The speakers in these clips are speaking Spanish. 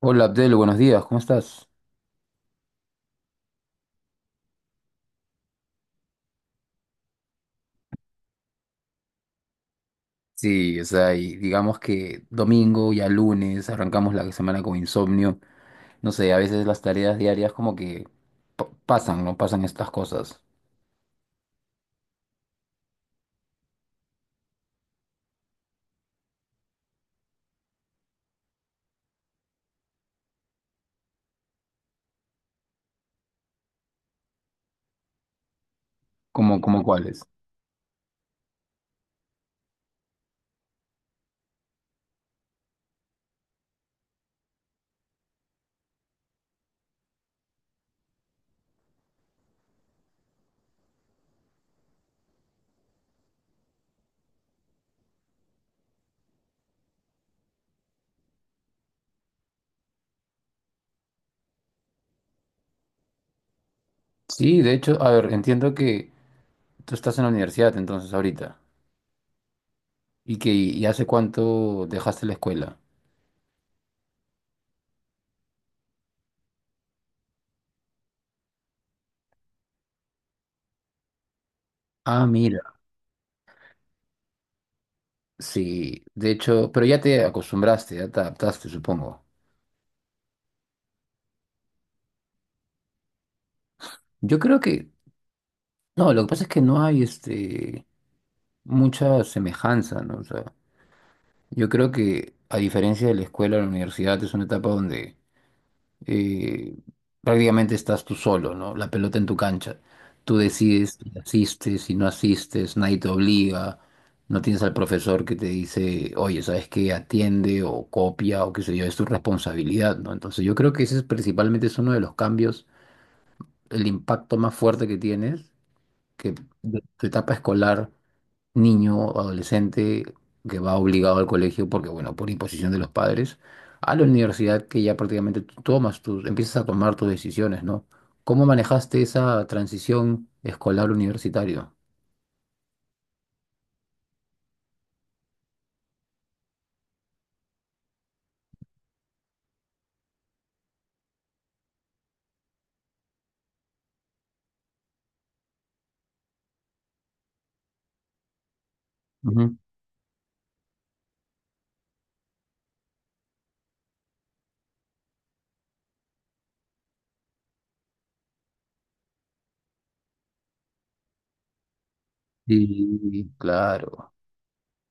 Hola Abdel, buenos días, ¿cómo estás? Sí, o sea, y digamos que domingo, ya lunes, arrancamos la semana con insomnio. No sé, a veces las tareas diarias como que pasan, ¿no? Pasan estas cosas. ¿Como cuáles? Sí, de hecho, a ver, entiendo que tú estás en la universidad entonces ahorita. ¿Y hace cuánto dejaste la escuela? Ah, mira. Sí, de hecho, pero ya te acostumbraste, ya te adaptaste, supongo. Yo creo que, no, lo que pasa es que no hay mucha semejanza, ¿no? O sea, yo creo que a diferencia de la escuela, la universidad es una etapa donde eh, prácticamente estás tú solo, ¿no? La pelota en tu cancha. Tú decides si asistes, si no asistes, nadie te obliga, no tienes al profesor que te dice, oye, ¿sabes qué? Atiende o copia o qué sé yo, es tu responsabilidad, ¿no? Entonces yo creo que ese es principalmente es uno de los cambios, el impacto más fuerte que tienes, que de tu etapa escolar, niño o adolescente que va obligado al colegio porque, bueno, por imposición de los padres, a la universidad que ya prácticamente tú tomas tus, empiezas a tomar tus decisiones, ¿no? ¿Cómo manejaste esa transición escolar-universitario? Ujú. Sí, claro.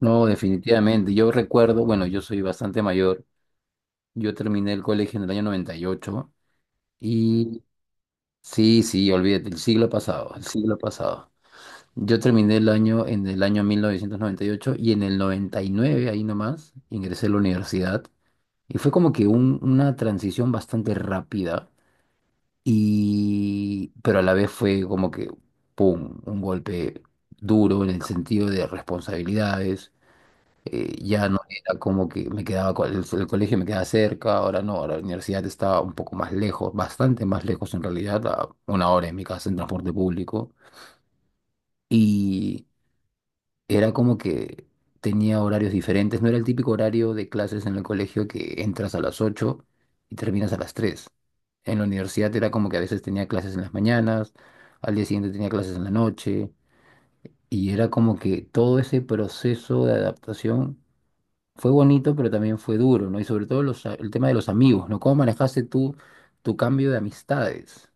No, definitivamente. Yo recuerdo, bueno, yo soy bastante mayor. Yo terminé el colegio en el año 98 y sí, sí, olvídate, el siglo pasado, el siglo pasado. Yo terminé el año en el año 1998 y ocho y en el 99, ahí nomás, ingresé a la universidad. Y fue como que una transición bastante rápida, y, pero a la vez fue como que, ¡pum!, un golpe duro en el sentido de responsabilidades. Ya no era como que me quedaba, el colegio me quedaba cerca, ahora no, ahora la universidad estaba un poco más lejos, bastante más lejos en realidad, a una hora en mi casa en transporte público. Y era como que tenía horarios diferentes, no era el típico horario de clases en el colegio que entras a las 8 y terminas a las tres. En la universidad era como que a veces tenía clases en las mañanas, al día siguiente tenía clases en la noche, y era como que todo ese proceso de adaptación fue bonito, pero también fue duro, ¿no? Y sobre todo el tema de los amigos, ¿no? ¿Cómo manejaste tú tu cambio de amistades?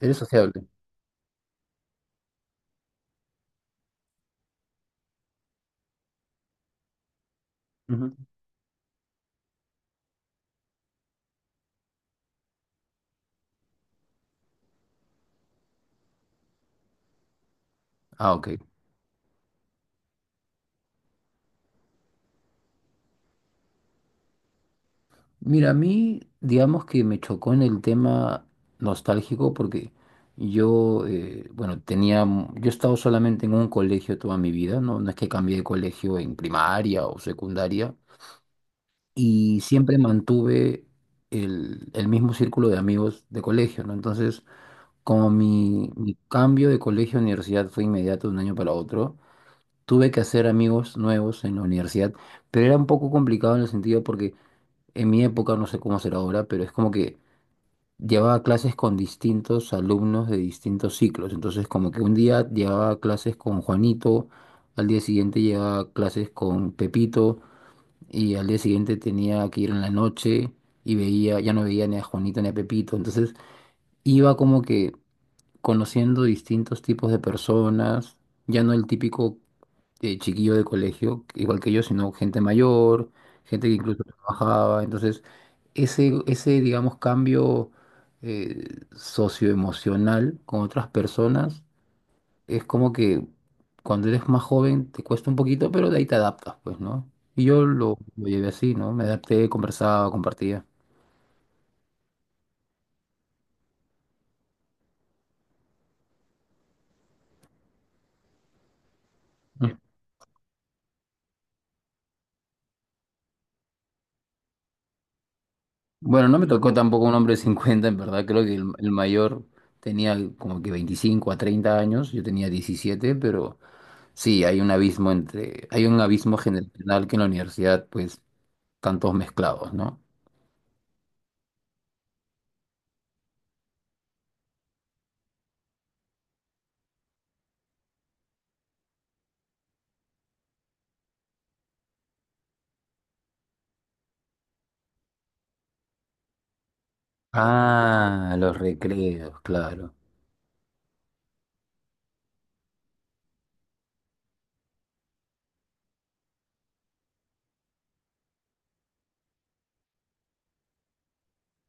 ¿Eres sociable? Ujú. Ah, ok. Mira, a mí, digamos que me chocó en el tema nostálgico porque yo, bueno, yo he estado solamente en un colegio toda mi vida, ¿no? No es que cambié de colegio en primaria o secundaria y siempre mantuve el mismo círculo de amigos de colegio, ¿no? Entonces, como mi cambio de colegio a universidad fue inmediato de un año para otro, tuve que hacer amigos nuevos en la universidad, pero era un poco complicado en el sentido porque... En mi época, no sé cómo será ahora, pero es como que llevaba clases con distintos alumnos de distintos ciclos. Entonces, como que un día llevaba clases con Juanito, al día siguiente llevaba clases con Pepito, y al día siguiente tenía que ir en la noche y veía, ya no veía ni a Juanito ni a Pepito. Entonces, iba como que conociendo distintos tipos de personas, ya no el típico chiquillo de colegio, igual que yo, sino gente mayor, gente que incluso trabajaba. Entonces, ese digamos, cambio eh, socioemocional con otras personas es como que cuando eres más joven te cuesta un poquito, pero de ahí te adaptas, pues, ¿no? Y yo lo llevé así, ¿no? Me adapté, conversaba, compartía. Bueno, no me tocó tampoco un hombre de 50, en verdad. Creo que el mayor tenía como que 25 a 30 años, yo tenía 17, pero sí, hay un abismo entre, hay un abismo generacional que en la universidad, pues, están todos mezclados, ¿no? Ah, los recreos, claro.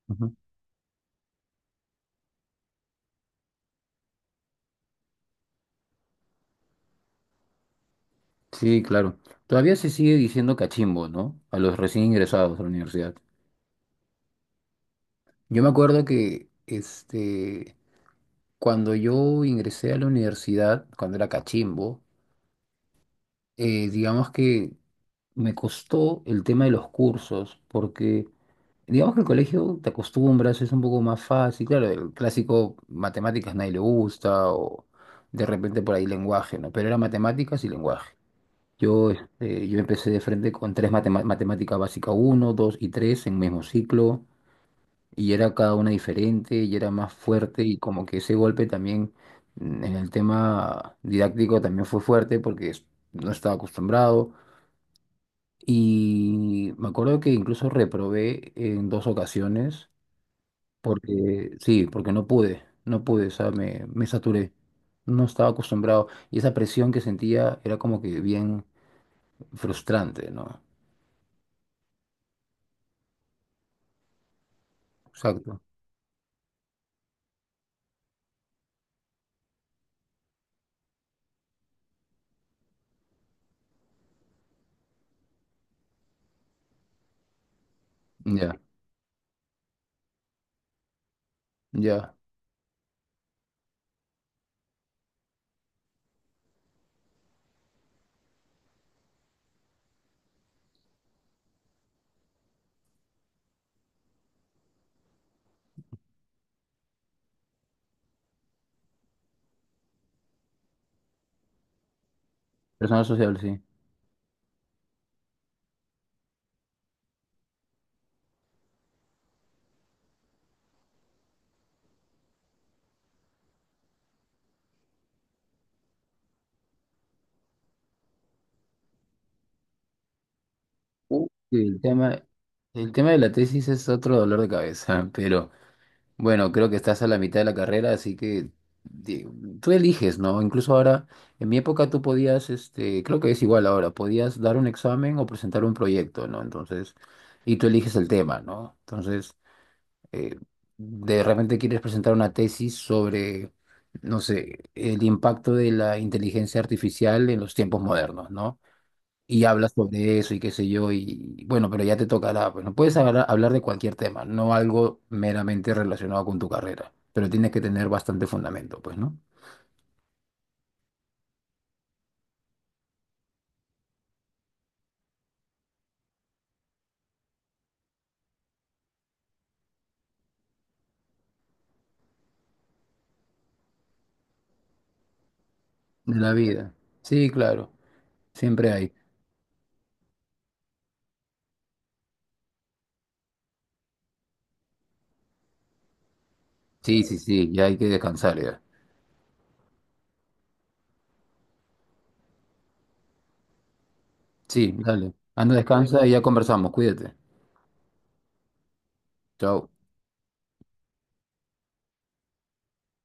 Ujú. Sí, claro. Todavía se sigue diciendo cachimbo, ¿no? A los recién ingresados a la universidad. Yo me acuerdo que, este, cuando yo ingresé a la universidad, cuando era cachimbo, digamos que me costó el tema de los cursos, porque digamos que el colegio te acostumbras, es un poco más fácil. Claro, el clásico matemáticas nadie le gusta, o de repente por ahí lenguaje, ¿no? Pero era matemáticas y lenguaje. Yo, este, yo empecé de frente con tres matemáticas matemática básica uno 2 y 3 en mismo ciclo, y era cada una diferente, y era más fuerte, y como que ese golpe también en el tema didáctico también fue fuerte porque no estaba acostumbrado. Y me acuerdo que incluso reprobé en dos ocasiones porque, sí, porque no pude, no pude, o sea, me saturé. No estaba acostumbrado. Y esa presión que sentía era como que bien frustrante, ¿no? Exacto. Ya, ya. Personal social, sí. Uh, el tema, el tema de la tesis es otro dolor de cabeza, pero bueno, creo que estás a la mitad de la carrera, así que di- tú eliges, ¿no? Incluso ahora, en mi época tú podías, este, creo que es igual ahora, podías dar un examen o presentar un proyecto, ¿no? Entonces, y tú eliges el tema, ¿no? Entonces, eh, de repente quieres presentar una tesis sobre, no sé, el impacto de la inteligencia artificial en los tiempos modernos, ¿no? Y hablas sobre eso y qué sé yo, y bueno, pero ya te tocará, pues no puedes hablar, hablar de cualquier tema, no algo meramente relacionado con tu carrera, pero tienes que tener bastante fundamento, pues, ¿no? De la vida. Sí, claro, siempre hay. Sí, sí, sí, ya hay que descansar ya. Sí, dale. Anda, descansa y ya conversamos, cuídate. Chao.